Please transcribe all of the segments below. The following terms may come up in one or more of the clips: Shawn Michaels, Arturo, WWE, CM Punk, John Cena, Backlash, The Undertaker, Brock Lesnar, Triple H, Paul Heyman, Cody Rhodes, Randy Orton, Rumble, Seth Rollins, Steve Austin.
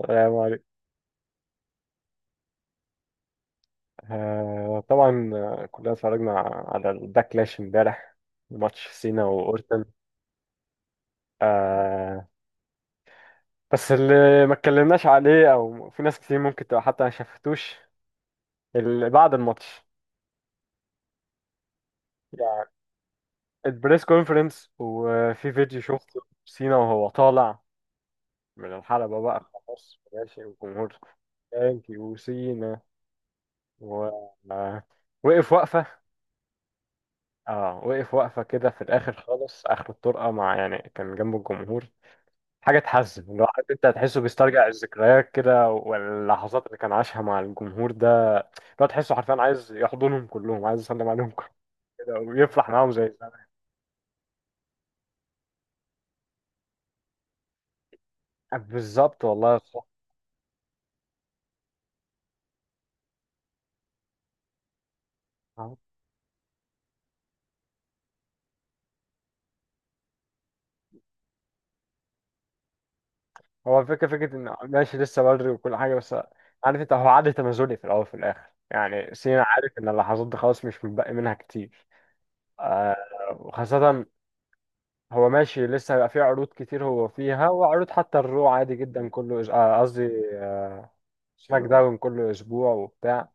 السلام عليكم. طبعا، كلنا اتفرجنا على الباكلاش امبارح، ماتش سينا واورتن. آه بس اللي ما اتكلمناش عليه او في ناس كتير ممكن تبقى حتى ما شافتوش اللي بعد الماتش، يعني البريس كونفرنس. وفي فيديو شفته سينا وهو طالع من الحلبة بقى خلاص ماشي والجمهور ثانك يو سينا، و آه، وقف وقفة. اه، وقف وقفة كده في الآخر خالص آخر الطرقة مع يعني كان جنب الجمهور. حاجه تحزن لو عارف انت، هتحسه بيسترجع الذكريات كده واللحظات اللي كان عاشها مع الجمهور ده. لو تحسه حرفيا عايز يحضنهم كلهم، عايز يسلم عليهم كلهم كده ويفرح معاهم زي زمان. بالظبط والله صح. هو الفكره فكره ان ماشي لسه بدري وكل حاجه، بس عارف انت، هو عد تنازلي في الاول وفي الاخر، يعني سينا عارف ان اللحظات دي خلاص مش متبقي منها كتير. آه، وخاصه هو ماشي لسه، هيبقى فيه عروض كتير هو فيها، وعروض حتى الرو عادي جدا كله قصدي سماك داون كل اسبوع وبتاع.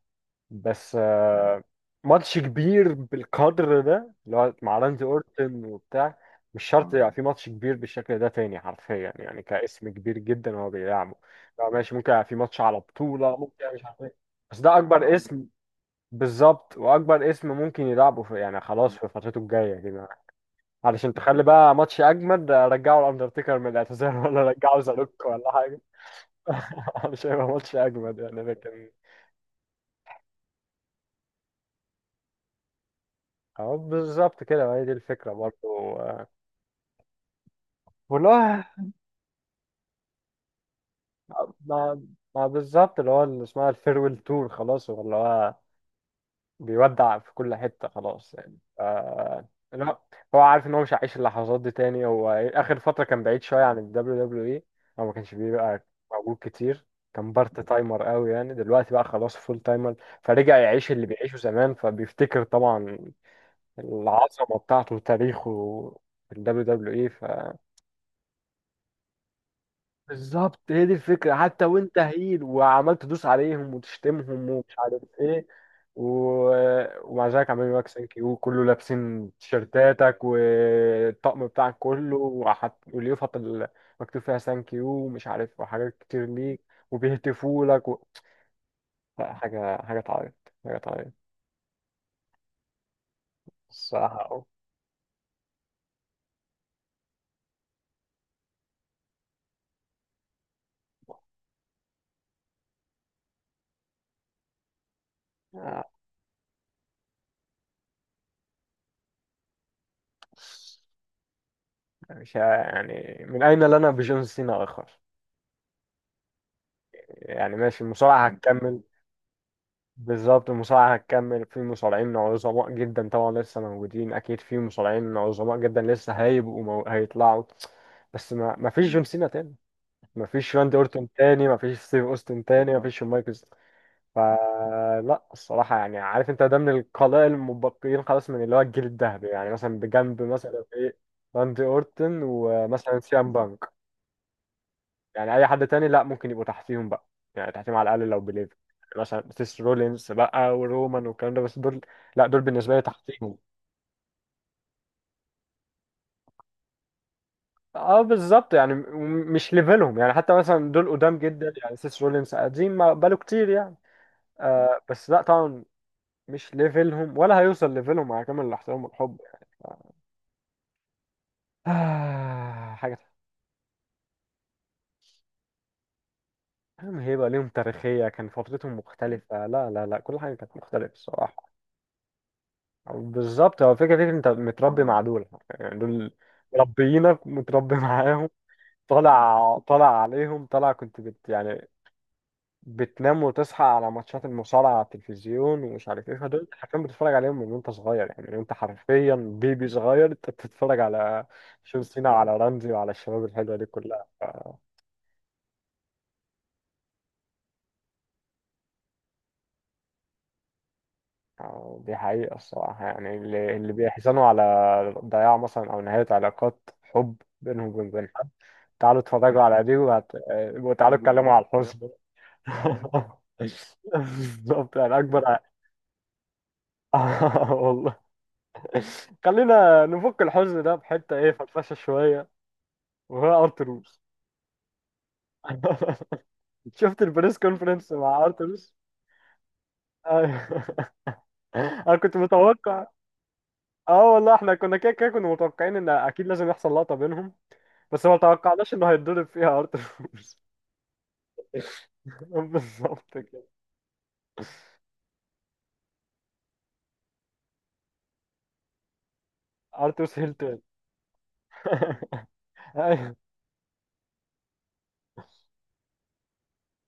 بس ماتش كبير بالقدر ده اللي هو مع راندي اورتن وبتاع مش شرط يبقى في ماتش كبير بالشكل ده تاني حرفيا، يعني كاسم كبير جدا هو بيلعبه. لو ماشي ممكن يبقى في ماتش على بطولة ممكن، مش عارف ايه، بس ده اكبر اسم. بالظبط واكبر اسم ممكن يلعبه في يعني خلاص في فترته الجايه كده، علشان تخلي بقى ماتش اجمد رجعوا الاندرتيكر من الاعتزال ولا رجعوا زالوك ولا حاجه. مش هيبقى ماتش اجمد يعني، لكن اه بالظبط كده، ما هي دي الفكرة برضو. والله. ما ما بالظبط اللي هو اللي اسمها الفيرويل تور خلاص، هو اللي هو بيودع في كل حتة خلاص، يعني اللي هو، هو عارف ان هو مش هيعيش اللحظات دي تاني. هو اخر فترة كان بعيد شوية عن ال WWE، هو ما كانش بيبقى موجود كتير، كان بارت تايمر قوي يعني، دلوقتي بقى خلاص فول تايمر، فرجع يعيش اللي بيعيشه زمان، فبيفتكر طبعا العظمة بتاعته وتاريخه في ال WWE. بالظبط هي دي الفكرة، حتى وانت هيل وعمال تدوس عليهم وتشتمهم ومش عارف ايه و... ومع ذلك عمالين يقولك ثانك يو، كله لابسين تيشيرتاتك والطقم بتاعك كله، واليافطة اللي مكتوب فيها ثانك يو ومش عارف، وحاجات كتير ليك، وبيهتفوا لك و... لا، حاجة حاجة تعيط، حاجة تعيط الصراحة. آه. مش ه- يعني من أين لنا بجون سينا آخر، يعني ماشي المصارعة هتكمل. بالظبط المصارعة هتكمل، في مصارعين عظماء جدا طبعا لسه موجودين، أكيد في مصارعين عظماء جدا لسه هيبقوا هيطلعوا، بس ما فيش جون سينا تاني، ما فيش راندي أورتون تاني، ما فيش ستيف أوستن تاني، ما فيش شون مايكلز. فلا الصراحة يعني عارف أنت، ده من القلائل المبقيين خلاص من اللي هو الجيل الذهبي، يعني مثلا بجنب مثلا إيه، راندي أورتون ومثلا سي أم بانك. يعني اي حد تاني لا ممكن يبقوا تحتيهم بقى يعني، تحتيهم على الاقل لو بليفر، مثلا سيس رولينز بقى ورومان والكلام ده، بس دول لا دول بالنسبه لي تحتيهم. اه بالظبط يعني مش ليفلهم يعني. حتى مثلا دول قدام جدا، يعني سيس رولينز قديم ما بقاله كتير يعني، آه بس لا طبعا مش ليفلهم ولا هيوصل ليفلهم، مع كامل الاحترام والحب. حاجه، هم هيبقى ليهم تاريخيه، كان فترتهم مختلفه، لا لا لا كل حاجه كانت مختلفه الصراحه. بالظبط، هو فكرة فكرة انت متربي مع دول، يعني دول مربيينك، متربي معاهم، طالع طالع عليهم، طالع كنت بت يعني بتنام وتصحى على ماتشات المصارعة على التلفزيون ومش عارف ايه. فدول انت حرفيا بتتفرج عليهم من وانت صغير، يعني من وانت حرفيا بيبي صغير انت بتتفرج على جون سينا وعلى رمزي وعلى الشباب الحلوة دي كلها ف... أو دي حقيقة الصراحة، يعني اللي بيحزنوا على ضياع مثلا، أو نهاية علاقات حب بينهم وبين، تعالوا اتفرجوا على دي وهت... آه، وتعالوا اتكلموا على الحزن. بالظبط يعني اكبر والله، خلينا نفك الحزن ده بحته ايه، فرفشه شويه، وهو ارتروس. شفت البريس كونفرنس مع ارتروس؟ أيوه. انا كنت متوقع، اه والله احنا كنا كده كده كنا متوقعين ان اكيد لازم يحصل لقطه بينهم، بس ما توقعناش انه هيتضرب فيها ارتروس. بالظبط كده، ارتروس هيل تاني.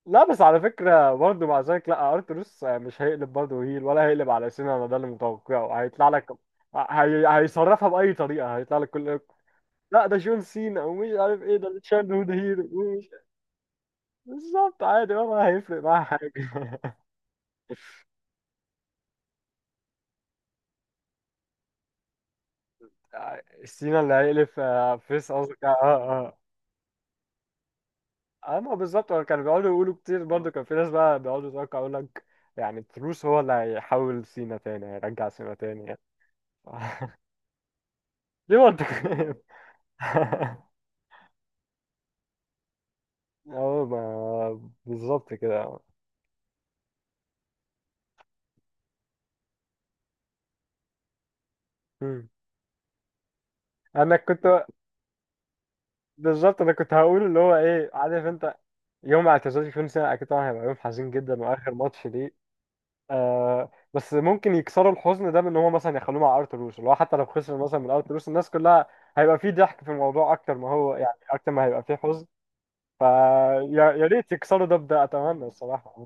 لا بس على فكرة برضه، مع ذلك لا، ارتروس مش هيقلب برضه هيل ولا هيقلب على سينا، انا ده اللي متوقعه هيطلع لك، هي... هيصرفها بأي طريقة، هيطلع لك كل، لا ده جون سينا ومش عارف ايه، ده تشارلز هود هيرو ومش، بالظبط، عادي ولا هيفرق معاه حاجة. سينا اللي هيقلب فيس قصدك، اه اه. اه ما بالظبط، هو كانوا بيقعدوا يقولوا كتير برضه، كان في ناس بقى بيقعدوا يتوقعوا، يقول لك يعني تروس هو اللي هيحول سينا تاني، هيرجع سينا تاني يعني. ليه منطقي؟ اه ما بالظبط كده. مم. انا كنت انا كنت هقول اللي هو ايه، عارف انت، يوم اعتزال كل سنه اكيد طبعا هيبقى يوم حزين جدا، واخر ماتش ليه آه، بس ممكن يكسروا الحزن ده بان هو مثلا يخلوه مع ارتروس، اللي هو حتى لو خسر مثلا من ارتروس، الناس كلها هيبقى فيه ضحك في الموضوع اكتر ما هو يعني، اكتر ما هيبقى فيه حزن فيا، يا يا ريت يكسروا ده بده، اتمنى الصراحه.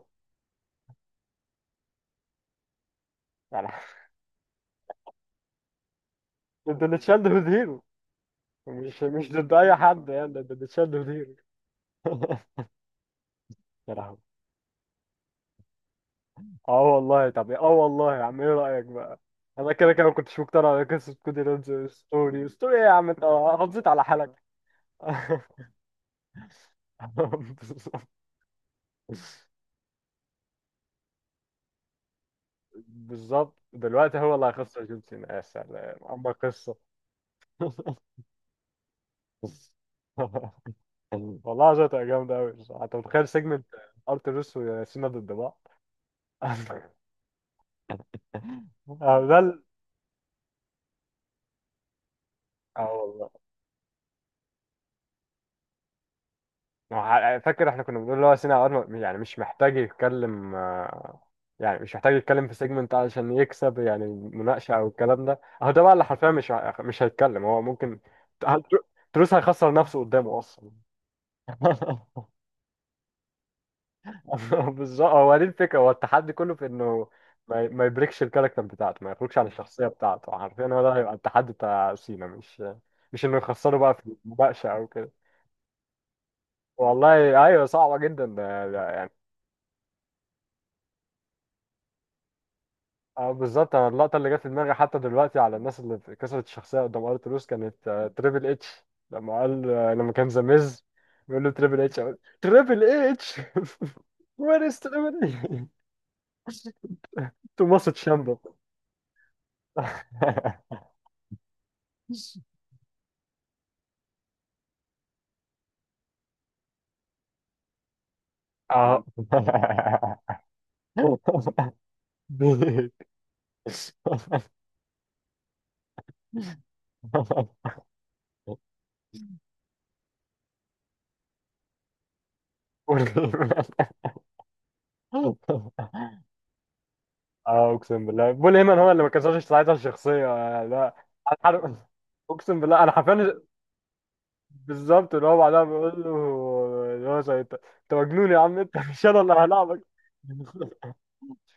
يعني ضد اللي تشيلد هيرو، مش ضد اي حد، يعني ضد اللي تشيلد هيرو. يا لهوي. اه والله، طب اه والله يا عم ايه رأيك بقى. انا كده كده ما كنتش مقتنع بقصة كودي رودز، ستوري ستوري ايه يا عم انت، حافظت على حالك. بالظبط. بالظبط. دلوقتي هو اللي هيخسر جون سينا، يا سلام اما قصة. والله عايزة تبقى جامدة أوي بصراحة. أنت متخيل سيجمنت أرتروس وسينا ضد بعض؟ أه ده ال- اه والله، ما هو فاكر احنا كنا بنقول اللي هو سينا عواد يعني مش محتاج يتكلم يعني مش محتاج يتكلم في سيجمنت علشان يكسب يعني، مناقشة او الكلام ده، اهو ده بقى اللي حرفيا مش هيتكلم هو ممكن، هل تر- تروس هيخسر نفسه قدامه اصلا. بالظبط، هو دي الفكرة، هو التحدي كله في انه ما يبريكش الكاركتر بتاعته، ما يخرجش عن الشخصية بتاعته حرفيا، هو ده هيبقى التحدي بتاع سينا، مش انه يخسره بقى في المناقشة او كده. والله ايوه صعبة جدا. اه بالظبط، أنا اللقطة اللي جت في دماغي حتى دلوقتي على الناس اللي كسرت الشخصية قدام ارتروس، كانت تريبل اتش. لما قال لما كان زاميز بيقول له تريبل اتش، أقول تريبل اتش. وير از تريبل اتش تو ماسك شامبو. اه اه اقسم بالله بول هيمن هو اللي ما كسرش ساعتها الشخصيه. لا انا عارف، اقسم بالله انا حرفيا، بالظبط اللي هو بعدها بيقول له اللي هو زي، انت انت مجنون يا عم، انت مش انا اللي هلاعبك.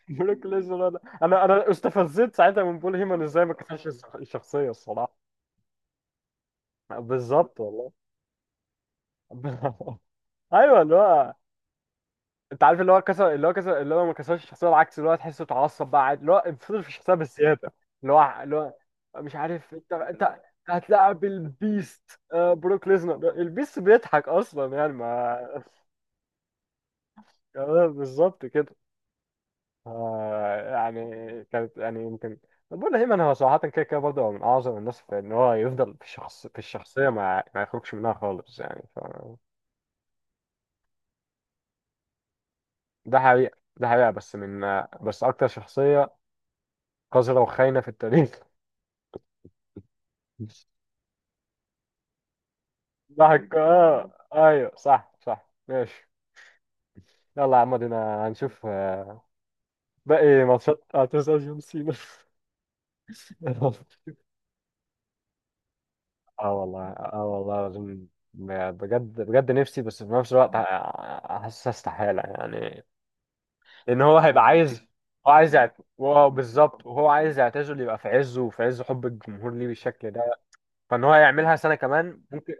بروك ليزنر، انا استفزت ساعتها من بول هيمن ازاي ما كانش الشخصيه الصراحه. بالظبط والله. ايوه اللي هو، انت عارف اللي هو كسر اللي هو كسر، اللي هو ما كسرش الشخصيه، العكس اللي هو تحسه اتعصب بقى عادي، اللي هو فضل في الشخصيه بالزياده، اللي هو اللي هو، مش عارف انت، انت هتلاعب البيست بروك ليزنر، البيست بيضحك اصلا يعني، ما بالظبط كده. آه يعني كانت يعني يمكن، طب بقول هيمن هو صراحة كده كده برضه هو من أعظم الناس في إن هو يفضل في الشخص في الشخصية، ما يخرجش منها خالص يعني ف... ده حقيقة ده حقيقة، بس من بس أكتر شخصية قذرة وخاينة في التاريخ. ضحك أيوه، صح صح ماشي، يلا يا عم ادينا هنشوف باقي ماتشات، هتسأل جون سينا. اه والله اه والله لازم، بجد بجد نفسي، بس في نفس الوقت حاسس استحالة يعني، لان هو هيبقى عايز، هو بالظبط وهو عايز يعتزل، يبقى في عزه وفي عز حب الجمهور ليه بالشكل ده، فان هو يعملها سنه كمان ممكن.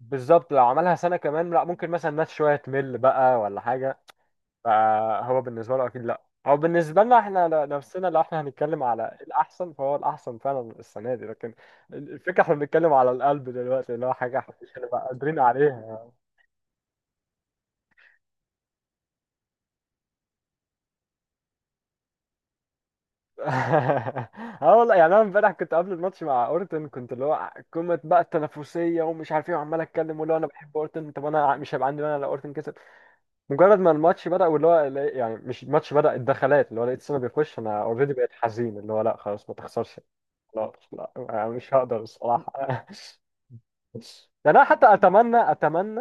بالظبط، لو عملها سنه كمان لا ممكن مثلا الناس شويه تمل بقى ولا حاجه، فهو بالنسبه له اكيد لا، هو بالنسبه لنا احنا نفسنا، لو احنا هنتكلم على الاحسن فهو الاحسن فعلا السنه دي، لكن الفكره احنا بنتكلم على القلب دلوقتي، اللي هو حاجه احنا مش هنبقى قادرين عليها. اه والله، يعني انا امبارح كنت قبل الماتش مع اورتون، كنت اللي هو قمه بقى التنافسيه ومش عارف ايه، وعمال اتكلم واللي هو انا بحب اورتون، طب انا مش هيبقى عندي مانع لو اورتون كسب. مجرد ما الماتش بدا واللي هو يعني مش الماتش بدا، الدخلات، اللي هو لقيت سنه بيخش، انا اوريدي بقيت حزين، اللي هو لا خلاص، ما تخسرش، خلاص لا، أنا مش هقدر الصراحه. ده انا حتى اتمنى اتمنى،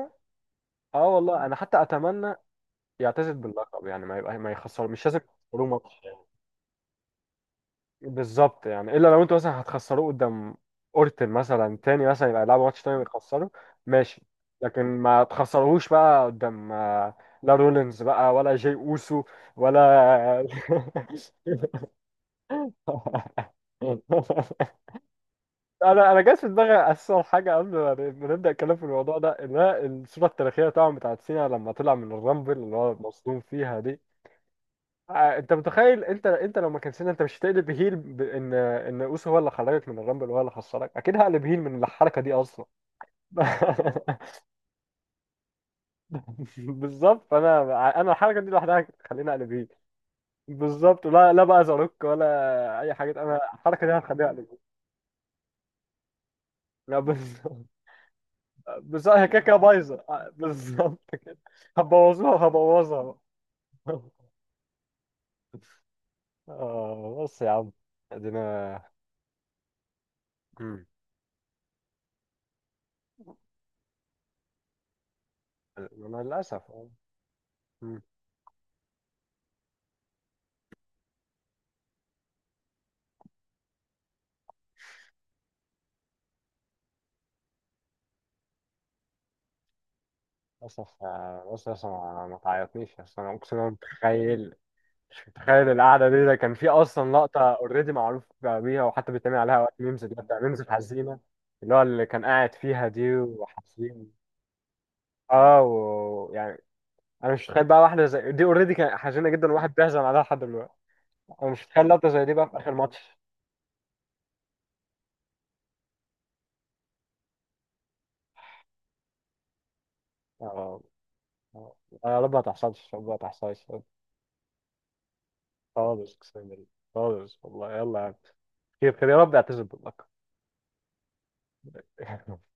اه والله انا حتى اتمنى يعتزل باللقب يعني، ما يبقى ما يخسر، مش لازم يخسروا ماتش. بالظبط يعني، الا لو انتوا مثلا هتخسروه قدام اورتل مثلا تاني، مثلا يبقى يلعبوا ماتش تاني ويخسروا، ماشي، لكن ما تخسروهوش بقى قدام لا رولينز بقى ولا جي اوسو ولا انا جات في دماغي اساسا حاجه قبل ما نبدا الكلام في الموضوع ده، اللي هي الصوره التاريخيه طبعا بتاعت سينا لما طلع من الرامبل، اللي هو مصدوم فيها دي. انت متخيل، انت لو ما كان سينا، انت مش هتقلب هيل ان اوسو هو اللي خرجك من الرامبل وهو اللي خسرك، اكيد هقلب هيل من الحركه دي اصلا. بالظبط، فانا انا الحركه دي لوحدها تخليني اقلب هيل، بالظبط، لا لا بقى زاروك ولا اي حاجه، انا الحركه دي هتخليني اقلب هيل. لا بالظبط، بالظبط هي كده كده بايظه بالظبط كده، هبوظوها وهبوظها. آه بص يا عم ادينا. مم. انا للاسف. آه. بص بص، بص بص، ما تعيطنيش بس، انا اقسم بالله متخيل، مش متخيل القعده دي، ده كان في اصلا لقطه اوريدي معروف بيها وحتى بيتعمل عليها وقت ميمز، بتاع ميمز حزينه، اللي هو اللي كان قاعد فيها دي وحزين، اه ويعني انا مش متخيل بقى واحده زي دي اوريدي كانت حزينه جدا وواحد بيحزن عليها لحد دلوقتي، انا مش متخيل لقطه زي دي بقى في اخر ماتش. اه. آه. يا رب ما تحصلش، يا رب ما تحصلش، خالص اقسم بالله، خالص والله. يلا يا عم. خير خير يا رب، اعتذر باللقب.